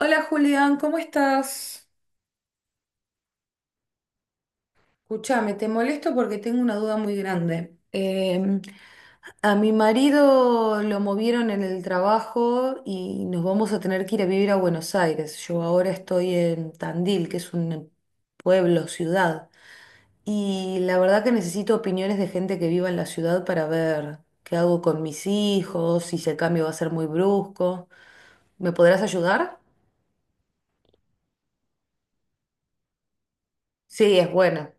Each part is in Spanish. Hola Julián, ¿cómo estás? Escúchame, te molesto porque tengo una duda muy grande. A mi marido lo movieron en el trabajo y nos vamos a tener que ir a vivir a Buenos Aires. Yo ahora estoy en Tandil, que es un pueblo, ciudad. Y la verdad que necesito opiniones de gente que viva en la ciudad para ver qué hago con mis hijos, si ese cambio va a ser muy brusco. ¿Me podrás ayudar? Sí, es bueno.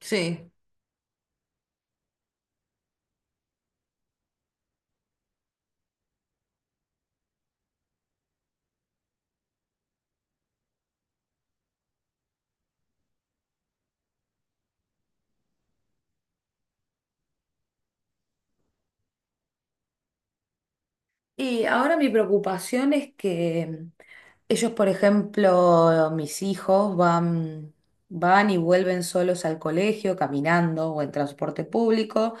Sí. Y ahora mi preocupación es que ellos, por ejemplo, mis hijos van y vuelven solos al colegio, caminando o en transporte público,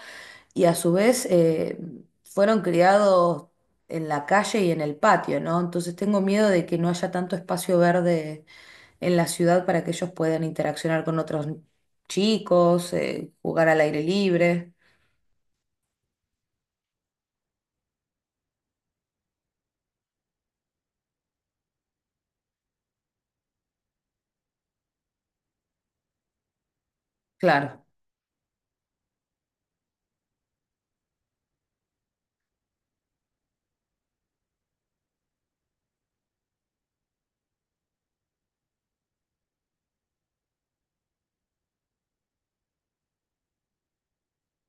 y a su vez fueron criados en la calle y en el patio, ¿no? Entonces tengo miedo de que no haya tanto espacio verde en la ciudad para que ellos puedan interaccionar con otros chicos, jugar al aire libre. Claro,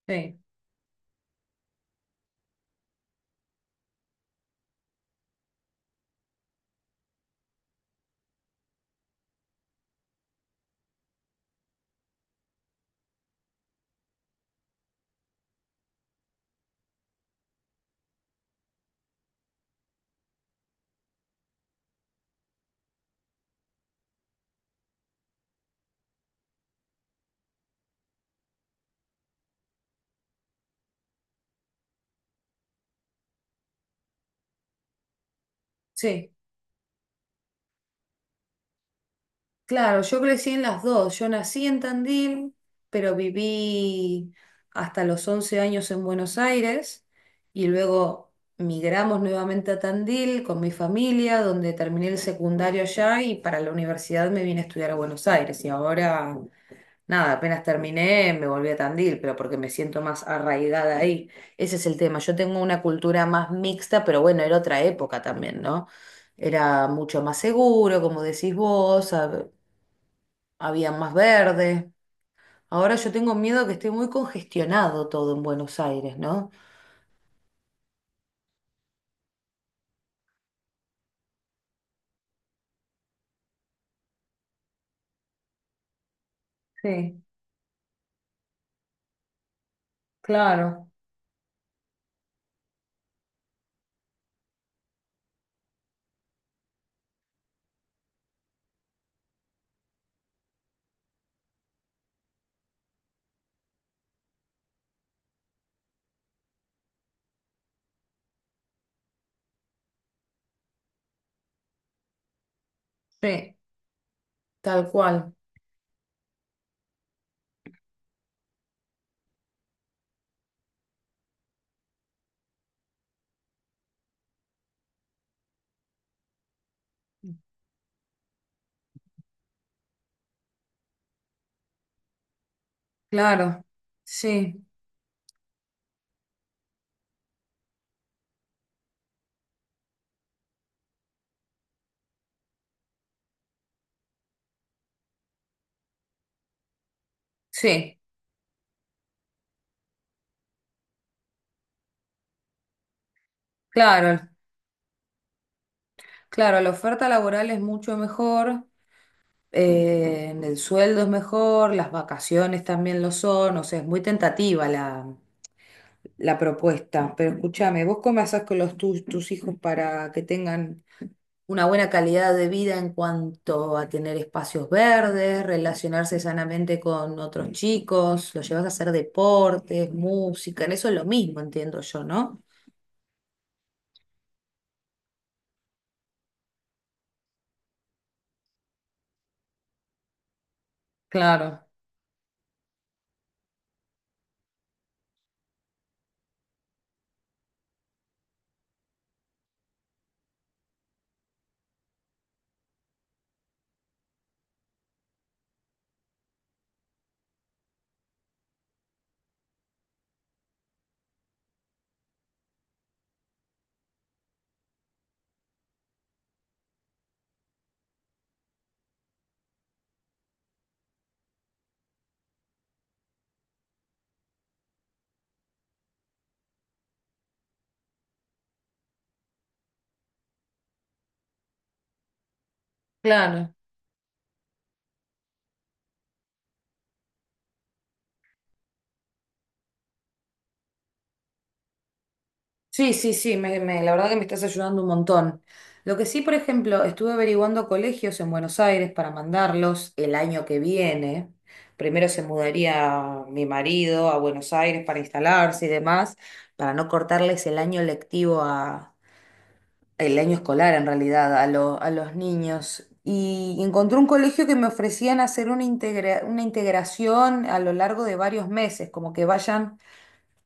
sí, sí. Claro, yo crecí en las dos. Yo nací en Tandil, pero viví hasta los 11 años en Buenos Aires y luego migramos nuevamente a Tandil con mi familia, donde terminé el secundario allá y para la universidad me vine a estudiar a Buenos Aires. Y ahora, nada, apenas terminé, me volví a Tandil, pero porque me siento más arraigada ahí. Ese es el tema. Yo tengo una cultura más mixta, pero bueno, era otra época también, ¿no? Era mucho más seguro, como decís vos, había más verde. Ahora yo tengo miedo que esté muy congestionado todo en Buenos Aires, ¿no? Sí, claro, sí, tal cual, claro, sí, sí, claro, claro, la oferta laboral es mucho mejor, el sueldo es mejor, las vacaciones también lo son, o sea, es muy tentativa la, la propuesta, pero escúchame, ¿vos cómo haces con tus hijos para que tengan una buena calidad de vida en cuanto a tener espacios verdes, relacionarse sanamente con otros chicos, lo llevas a hacer deportes, música, en eso es lo mismo, entiendo yo, ¿no? Claro, claro. Sí, sí, sí, la verdad que me estás ayudando un montón. Lo que sí, por ejemplo, estuve averiguando colegios en Buenos Aires para mandarlos el año que viene. Primero se mudaría mi marido a Buenos Aires para instalarse y demás, para no cortarles el año lectivo, el año escolar en realidad a los niños, y encontré un colegio que me ofrecían hacer una integración a lo largo de varios meses, como que vayan,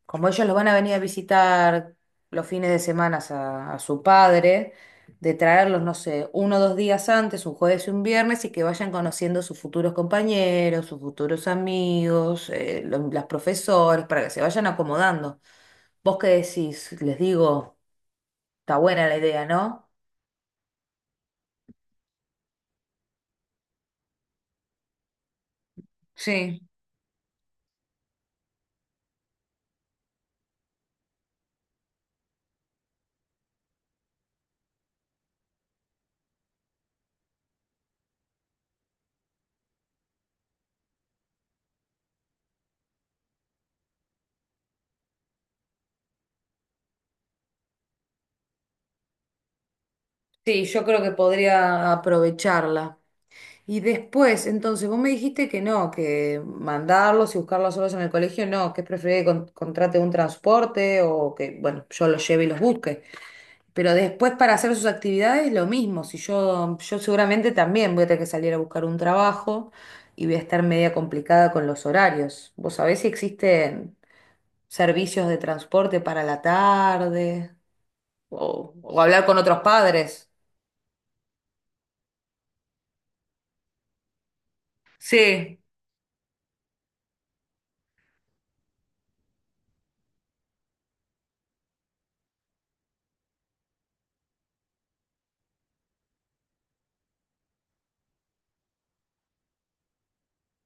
como ellos los van a venir a visitar los fines de semana a su padre, de traerlos, no sé, uno o dos días antes, un jueves y un viernes, y que vayan conociendo sus futuros compañeros, sus futuros amigos, las profesores, para que se vayan acomodando. ¿Vos qué decís? Les digo, está buena la idea, ¿no? Sí. Sí, yo creo que podría aprovecharla. Y después, entonces, vos me dijiste que no, que mandarlos y buscarlos solos en el colegio, no, que es preferible que contrate un transporte o que, bueno, yo los lleve y los busque. Pero después para hacer sus actividades, lo mismo. Si yo, yo seguramente también voy a tener que salir a buscar un trabajo y voy a estar media complicada con los horarios. ¿Vos sabés si existen servicios de transporte para la tarde o hablar con otros padres? Sí.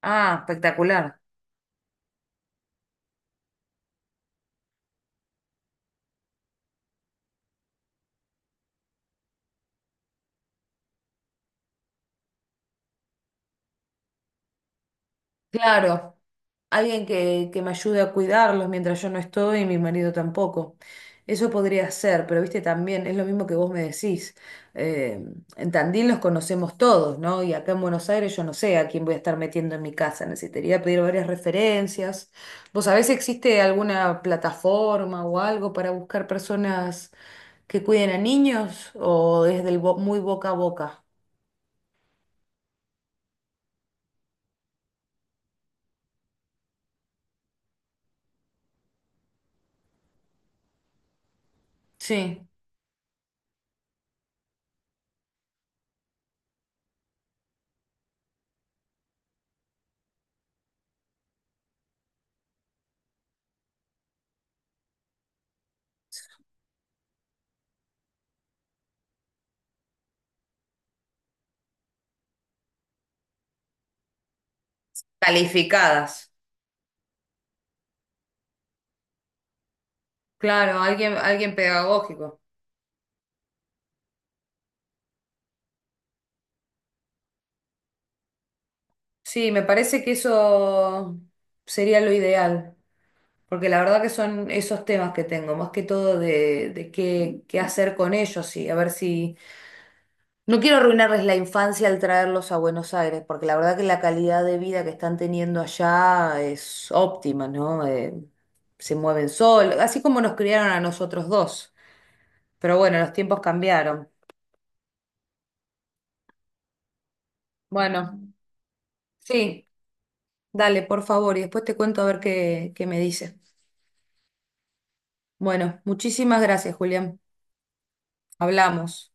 Ah, espectacular. Claro, alguien que me ayude a cuidarlos mientras yo no estoy y mi marido tampoco. Eso podría ser, pero viste, también es lo mismo que vos me decís. Eh, en Tandil los conocemos todos, ¿no? Y acá en Buenos Aires yo no sé a quién voy a estar metiendo en mi casa. Necesitaría pedir varias referencias. ¿Vos sabés si existe alguna plataforma o algo para buscar personas que cuiden a niños o desde el muy boca a boca? Sí, calificadas. Claro, alguien, alguien pedagógico. Sí, me parece que eso sería lo ideal, porque la verdad que son esos temas que tengo, más que todo de qué, hacer con ellos y a ver si... No quiero arruinarles la infancia al traerlos a Buenos Aires, porque la verdad que la calidad de vida que están teniendo allá es óptima, ¿no? Se mueven solos, así como nos criaron a nosotros dos. Pero bueno, los tiempos cambiaron. Bueno, sí, dale, por favor, y después te cuento a ver qué, qué me dices. Bueno, muchísimas gracias, Julián. Hablamos.